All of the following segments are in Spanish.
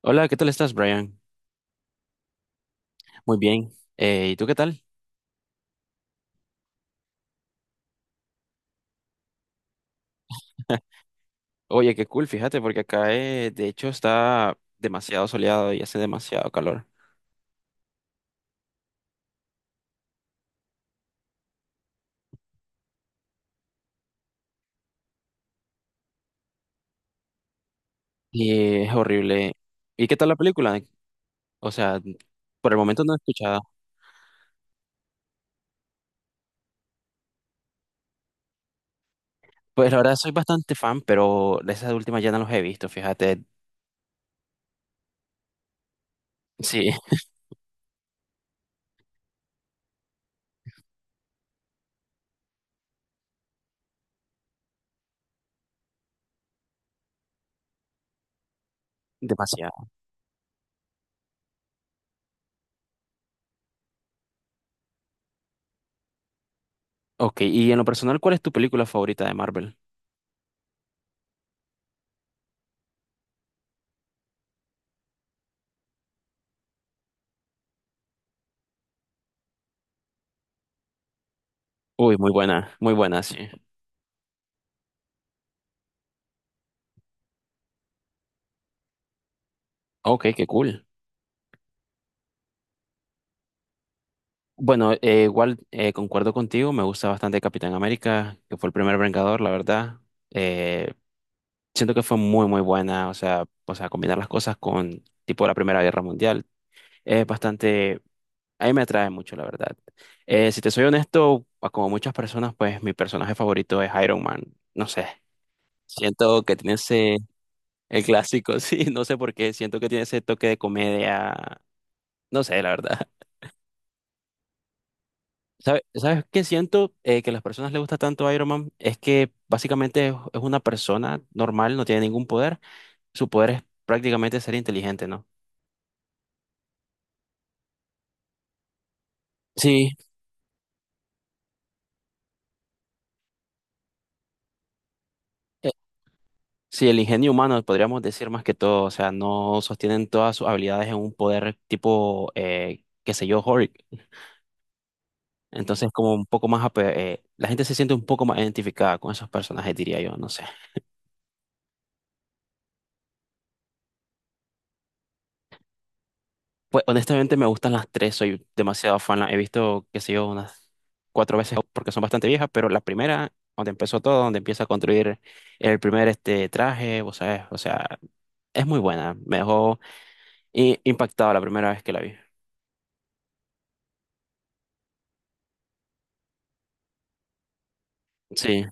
Hola, ¿qué tal estás, Brian? Muy bien. ¿y tú qué tal? Oye, qué cool, fíjate, porque acá de hecho está demasiado soleado y hace demasiado calor. Y es horrible. ¿Y qué tal la película? O sea, por el momento no he escuchado. Pues la verdad soy bastante fan, pero de esas últimas ya no los he visto, fíjate. Sí, demasiado. Ok, y en lo personal, ¿cuál es tu película favorita de Marvel? Uy, muy buena, sí. Ok, qué cool. Bueno, igual concuerdo contigo, me gusta bastante Capitán América, que fue el primer Vengador, la verdad. Eh, siento que fue muy, muy buena, o sea, combinar las cosas con tipo la Primera Guerra Mundial. Es bastante, a mí me atrae mucho, la verdad. Si te soy honesto, a como muchas personas, pues mi personaje favorito es Iron Man. No sé, siento que tiene ese, el clásico, sí, no sé por qué, siento que tiene ese toque de comedia, no sé, la verdad. ¿Sabes qué siento que a las personas les gusta tanto Iron Man? Es que básicamente es una persona normal, no tiene ningún poder. Su poder es prácticamente ser inteligente, ¿no? Sí, eh, sí, el ingenio humano podríamos decir más que todo. O sea, no sostienen todas sus habilidades en un poder tipo, qué sé yo, Hulk. Entonces, como un poco más, la gente se siente un poco más identificada con esos personajes, diría yo, no sé. Pues honestamente me gustan las tres, soy demasiado fan. La he visto, qué sé yo, unas cuatro veces porque son bastante viejas, pero la primera, donde empezó todo, donde empieza a construir el primer este traje, vos sabés, o sea, es muy buena. Me dejó impactado la primera vez que la vi. Sí,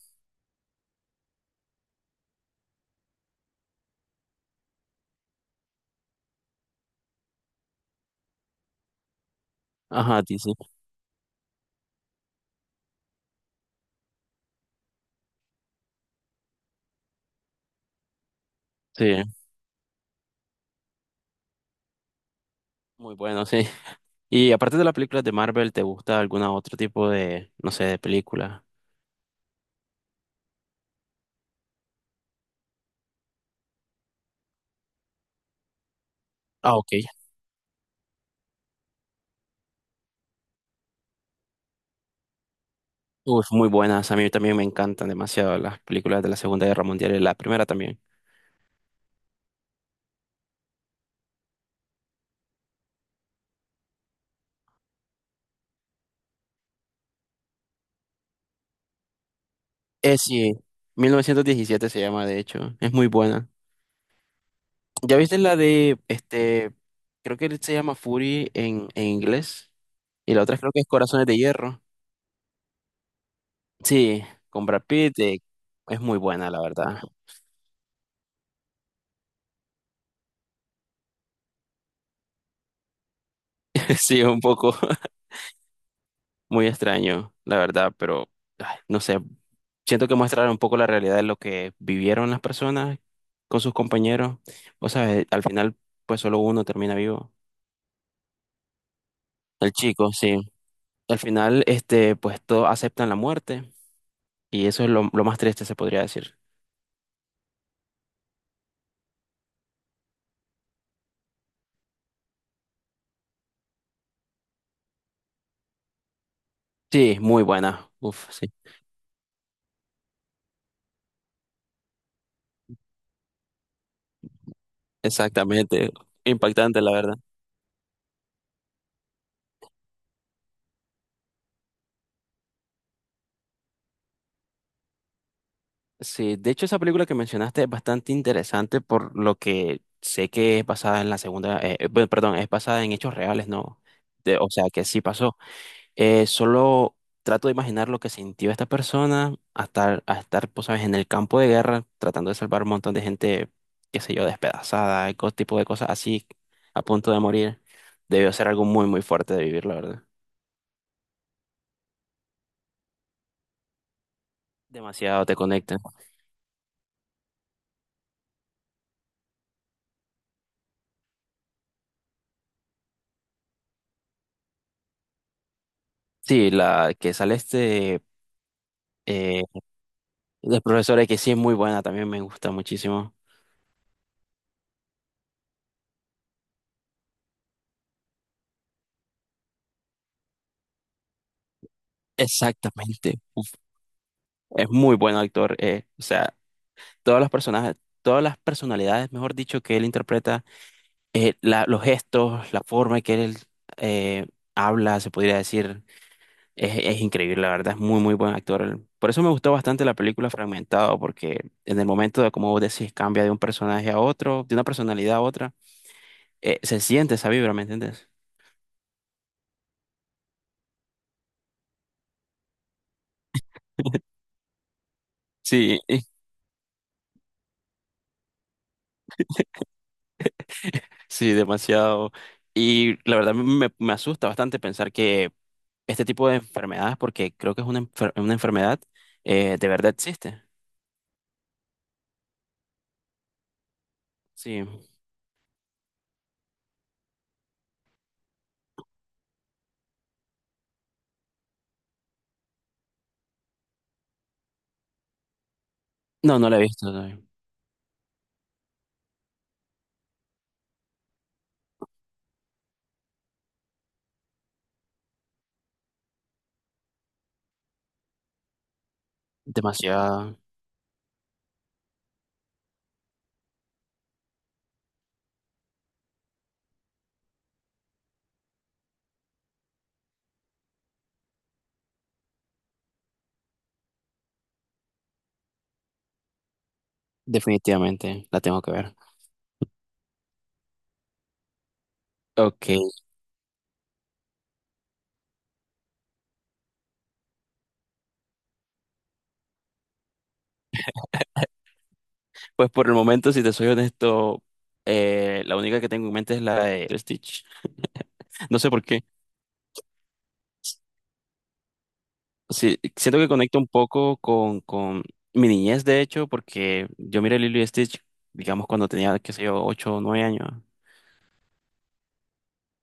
ajá, sí, sí, sí, muy bueno, sí. Y aparte de las películas de Marvel, ¿te gusta alguna otro tipo de, no sé, de película? Ah, ok. Uf, muy buenas. A mí también me encantan demasiado las películas de la Segunda Guerra Mundial y la primera también. Sí, 1917 se llama, de hecho, es muy buena. ¿Ya viste la de, este, creo que se llama Fury en inglés? Y la otra creo que es Corazones de Hierro. Sí, con Brad Pitt, es muy buena, la verdad. Sí, un poco muy extraño, la verdad, pero ay, no sé, siento que muestra un poco la realidad de lo que vivieron las personas con sus compañeros. O sea, al final, pues solo uno termina vivo. El chico, sí. Al final, este, pues todos aceptan la muerte y eso es lo más triste, se podría decir. Sí, muy buena. Uf, sí. Exactamente. Impactante, la verdad. Sí, de hecho esa película que mencionaste es bastante interesante por lo que sé que es basada en la segunda, bueno, perdón, es basada en hechos reales, ¿no? O sea, que sí pasó. Solo trato de imaginar lo que sintió esta persona a estar, pues, sabes, en el campo de guerra, tratando de salvar un montón de gente, qué sé yo, despedazada, y todo tipo de cosas así, a punto de morir. Debió ser algo muy, muy fuerte de vivir, la verdad. Demasiado te conecta. Sí, la que sale este eh, del profesor que sí es muy buena, también me gusta muchísimo. Exactamente. Uf, es muy buen actor. O sea, todos los personajes, todas las personalidades, mejor dicho, que él interpreta los gestos, la forma en que él eh, habla, se podría decir, es increíble, la verdad, es muy, muy buen actor. Por eso me gustó bastante la película Fragmentado, porque en el momento de, como vos decís, cambia de un personaje a otro, de una personalidad a otra, se siente esa vibra, ¿me entiendes? Sí, sí, demasiado. Y la verdad me, me asusta bastante pensar que este tipo de enfermedades, porque creo que es una, una enfermedad, de verdad existe. Sí. No, no la he visto. No. Demasiado. Definitivamente, la tengo que ver. Ok, pues por el momento, si te soy honesto, la única que tengo en mente es la de Stitch. No sé por qué. Sí, siento que conecta un poco con mi niñez, de hecho, porque yo miré Lilo y Stitch, digamos, cuando tenía, qué sé yo, 8 o 9 años.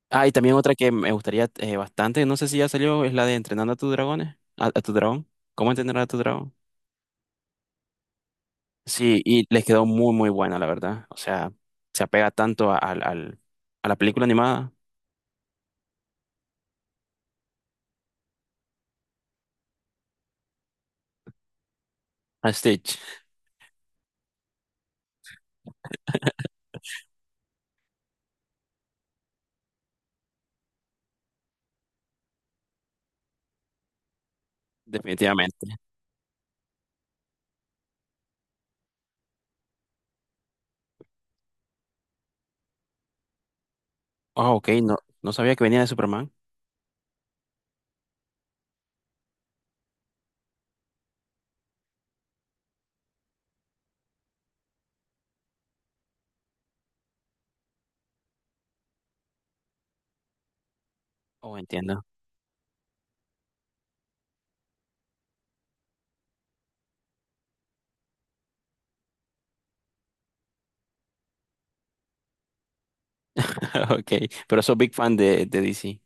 Ah, y también otra que me gustaría bastante, no sé si ya salió, es la de Entrenando a tus dragones, a tu dragón. ¿Cómo entrenar a tu dragón? Sí, y les quedó muy, muy buena, la verdad. O sea, se apega tanto a, a la película animada. A Stitch, definitivamente. Ah, ok, no, no sabía que venía de Superman. Oh, entiendo. Ok, pero soy big fan de DC,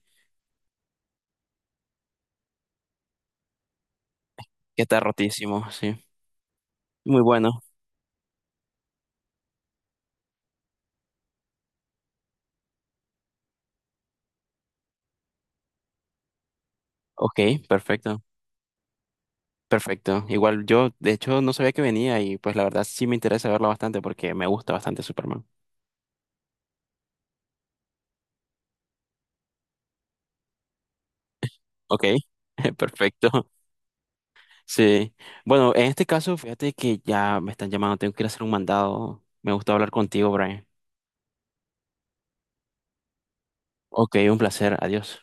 que está rotísimo, sí. Muy bueno. Ok, perfecto, perfecto. Igual yo, de hecho, no sabía que venía y pues la verdad sí me interesa verlo bastante porque me gusta bastante Superman. Ok, perfecto, sí. Bueno, en este caso, fíjate que ya me están llamando, tengo que ir a hacer un mandado. Me gustó hablar contigo, Brian. Ok, un placer, adiós.